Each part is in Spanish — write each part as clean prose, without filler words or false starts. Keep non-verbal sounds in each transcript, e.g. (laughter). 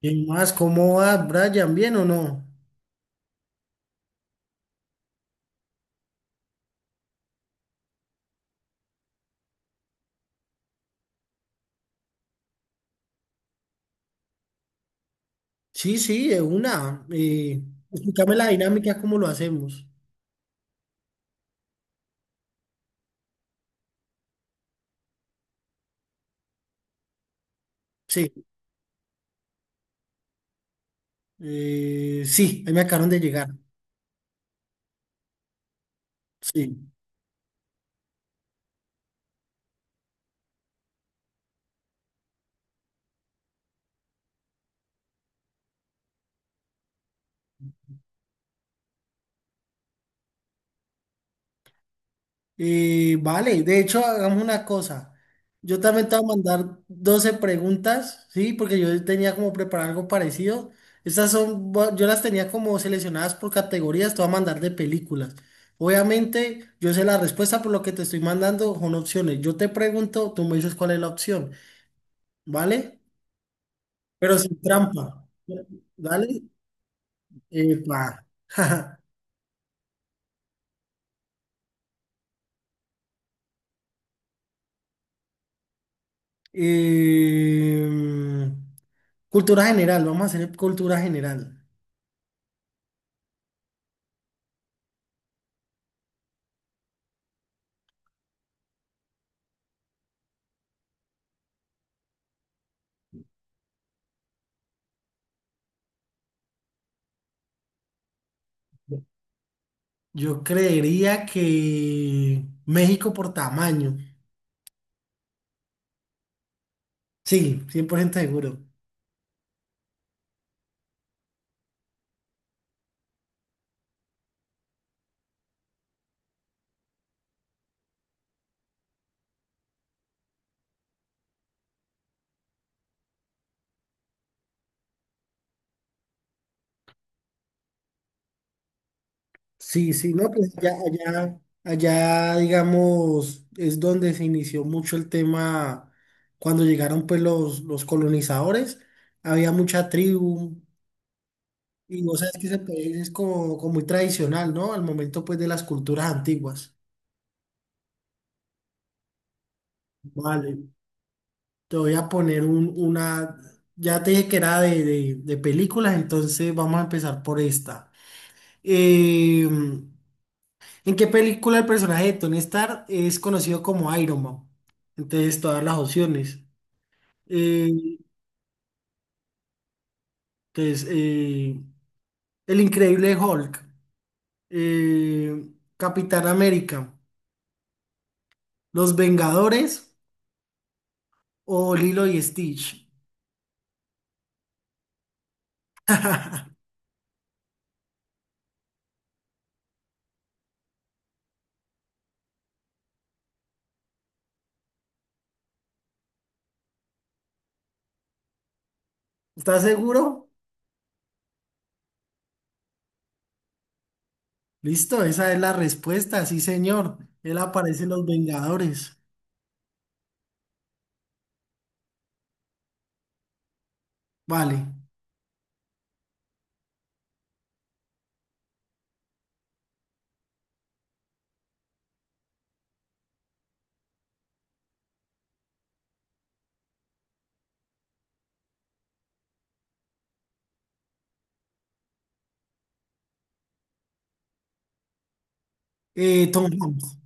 ¿Y más? ¿Cómo va, Brian? ¿Bien o no? Sí, sí, de una. Explícame la dinámica, cómo lo hacemos. Sí, sí, ahí me acabaron de llegar. Sí. Vale, de hecho, hagamos una cosa. Yo también te voy a mandar 12 preguntas, sí, porque yo tenía como preparar algo parecido. Estas son, yo las tenía como seleccionadas por categorías, te voy a mandar de películas. Obviamente, yo sé la respuesta por lo que te estoy mandando, son opciones. Yo te pregunto, tú me dices cuál es la opción. ¿Vale? Pero sin trampa, ¿vale? Epa. (laughs) Eh, Cultura general, vamos a hacer cultura general. Yo creería que México por tamaño. Sí, 100% seguro. Sí, sí, no, pues ya allá, allá, digamos, es donde se inició mucho el tema cuando llegaron pues los colonizadores. Había mucha tribu. Y vos sabés que ese país es como, como muy tradicional, ¿no? Al momento pues de las culturas antiguas. Vale, te voy a poner una, ya te dije que era de películas, entonces vamos a empezar por esta. ¿En qué película el personaje de Tony Stark es conocido como Iron Man? Entonces todas las opciones. Eh, entonces, eh, El Increíble Hulk, eh, Capitán América, Los Vengadores o Lilo y Stitch. ¿Estás seguro? Listo, esa es la respuesta, sí, señor. Él aparece en Los Vengadores. Vale. Tom Hanks.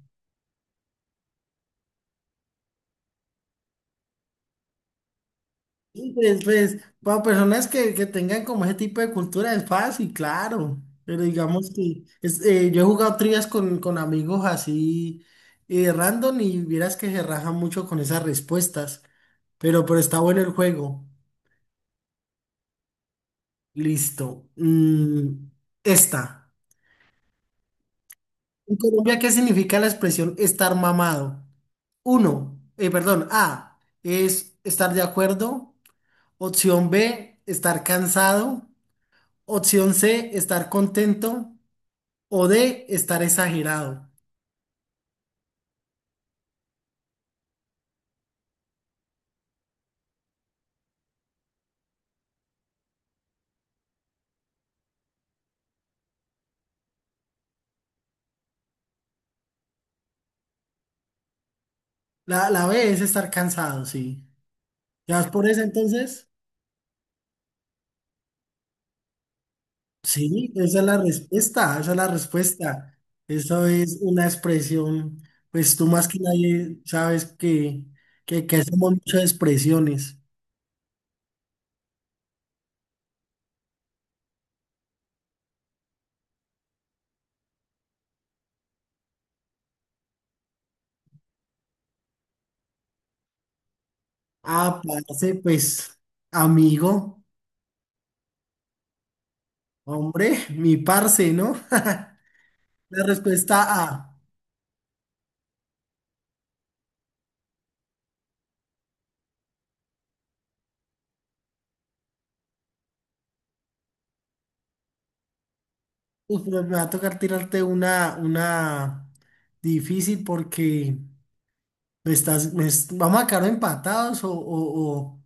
Sí, pues, pues, para personas que tengan como ese tipo de cultura es fácil, claro. Pero digamos que es, yo he jugado trivias con amigos así, random, y vieras que se rajan mucho con esas respuestas. Pero está bueno el juego. Listo. Mm, esta. En Colombia, ¿qué significa la expresión estar mamado? Uno, perdón, A es estar de acuerdo. Opción B, estar cansado. Opción C, estar contento. O D, estar exagerado. La B es estar cansado, sí. ¿Ya vas por esa entonces? Sí, esa es la respuesta, esa es la respuesta. Eso es una expresión, pues tú más que nadie sabes que hacemos muchas expresiones. Ah, parce, pues, amigo. Hombre, mi parce, ¿no? (laughs) La respuesta A. Uf, pero me va a tocar tirarte una difícil porque me estás, vamos a quedar empatados o, o-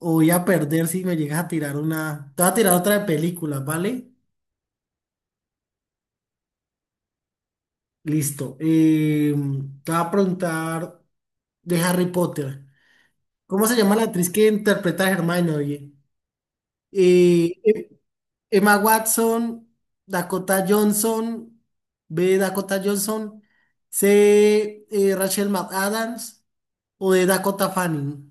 o voy a perder si me llegas a tirar una. Te voy a tirar otra de películas, ¿vale? Listo. Te voy a preguntar de Harry Potter. ¿Cómo se llama la actriz que interpreta a Hermione, oye? eh, Emma Watson, Dakota Johnson, B. Dakota Johnson, C. Rachel McAdams o D. Dakota Fanning.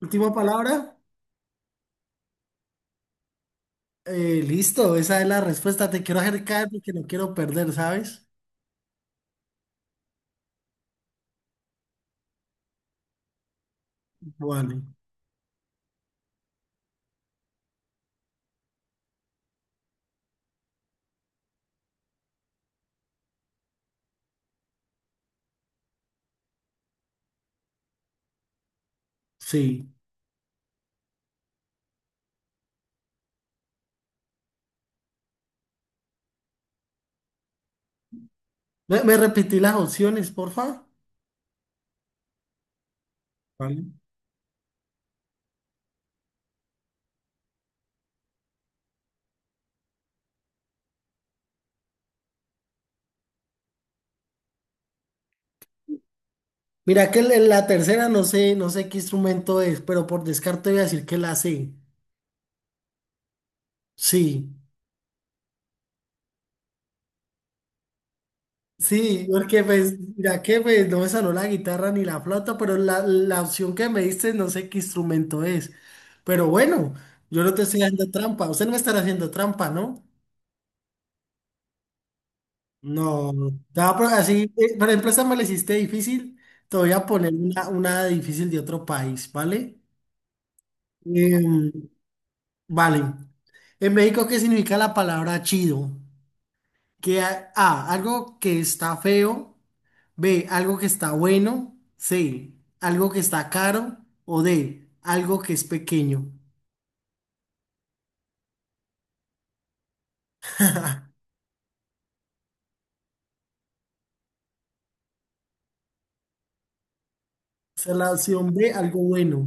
Última palabra. Listo, esa es la respuesta. Te quiero acercar porque no quiero perder, ¿sabes? Vale, sí. ¿Me, me repetí las opciones, porfa? Vale. Mira que la tercera no sé, no sé qué instrumento es, pero por descarte voy a decir que la C. Sí. Sí, porque pues, mira que pues no me salió la guitarra ni la flauta, pero la opción que me diste no sé qué instrumento es. Pero bueno, yo no te estoy haciendo trampa. Usted no me estará haciendo trampa, ¿no? No, te va así, por ejemplo, esta me la hiciste difícil. Te voy a poner una difícil de otro país, ¿vale? Em, vale. En México, ¿qué significa la palabra chido? A, algo que está feo. B, algo que está bueno. C, algo que está caro. O D, algo que es pequeño. Esa es la opción B, algo bueno.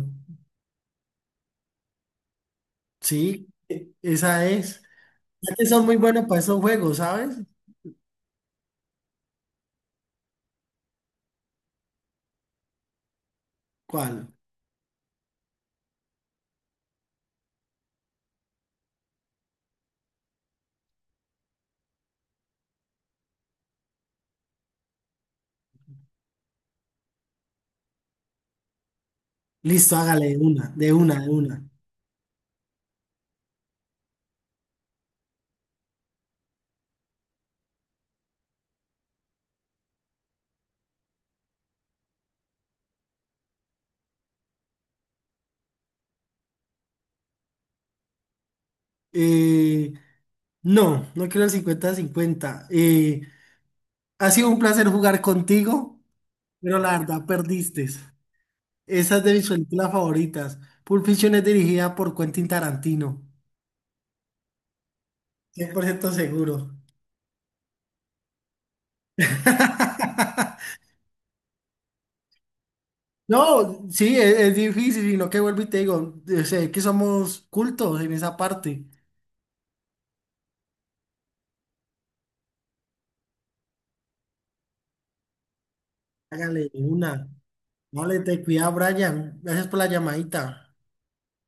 Sí, esa es. Ya que son muy buenos para esos juegos, ¿sabes? ¿Cuál? Listo, hágale de una, de una, de una. Eh, no, no quiero el 50-50. Ha sido un placer jugar contigo, pero la verdad perdiste. Esa es de mis películas favoritas. Pulp Fiction es dirigida por Quentin Tarantino. 100% seguro. No, sí, es difícil, sino que vuelvo y te digo, sé que somos cultos en esa parte. Hágale una. Vale, te cuida, Brian. Gracias por la llamadita.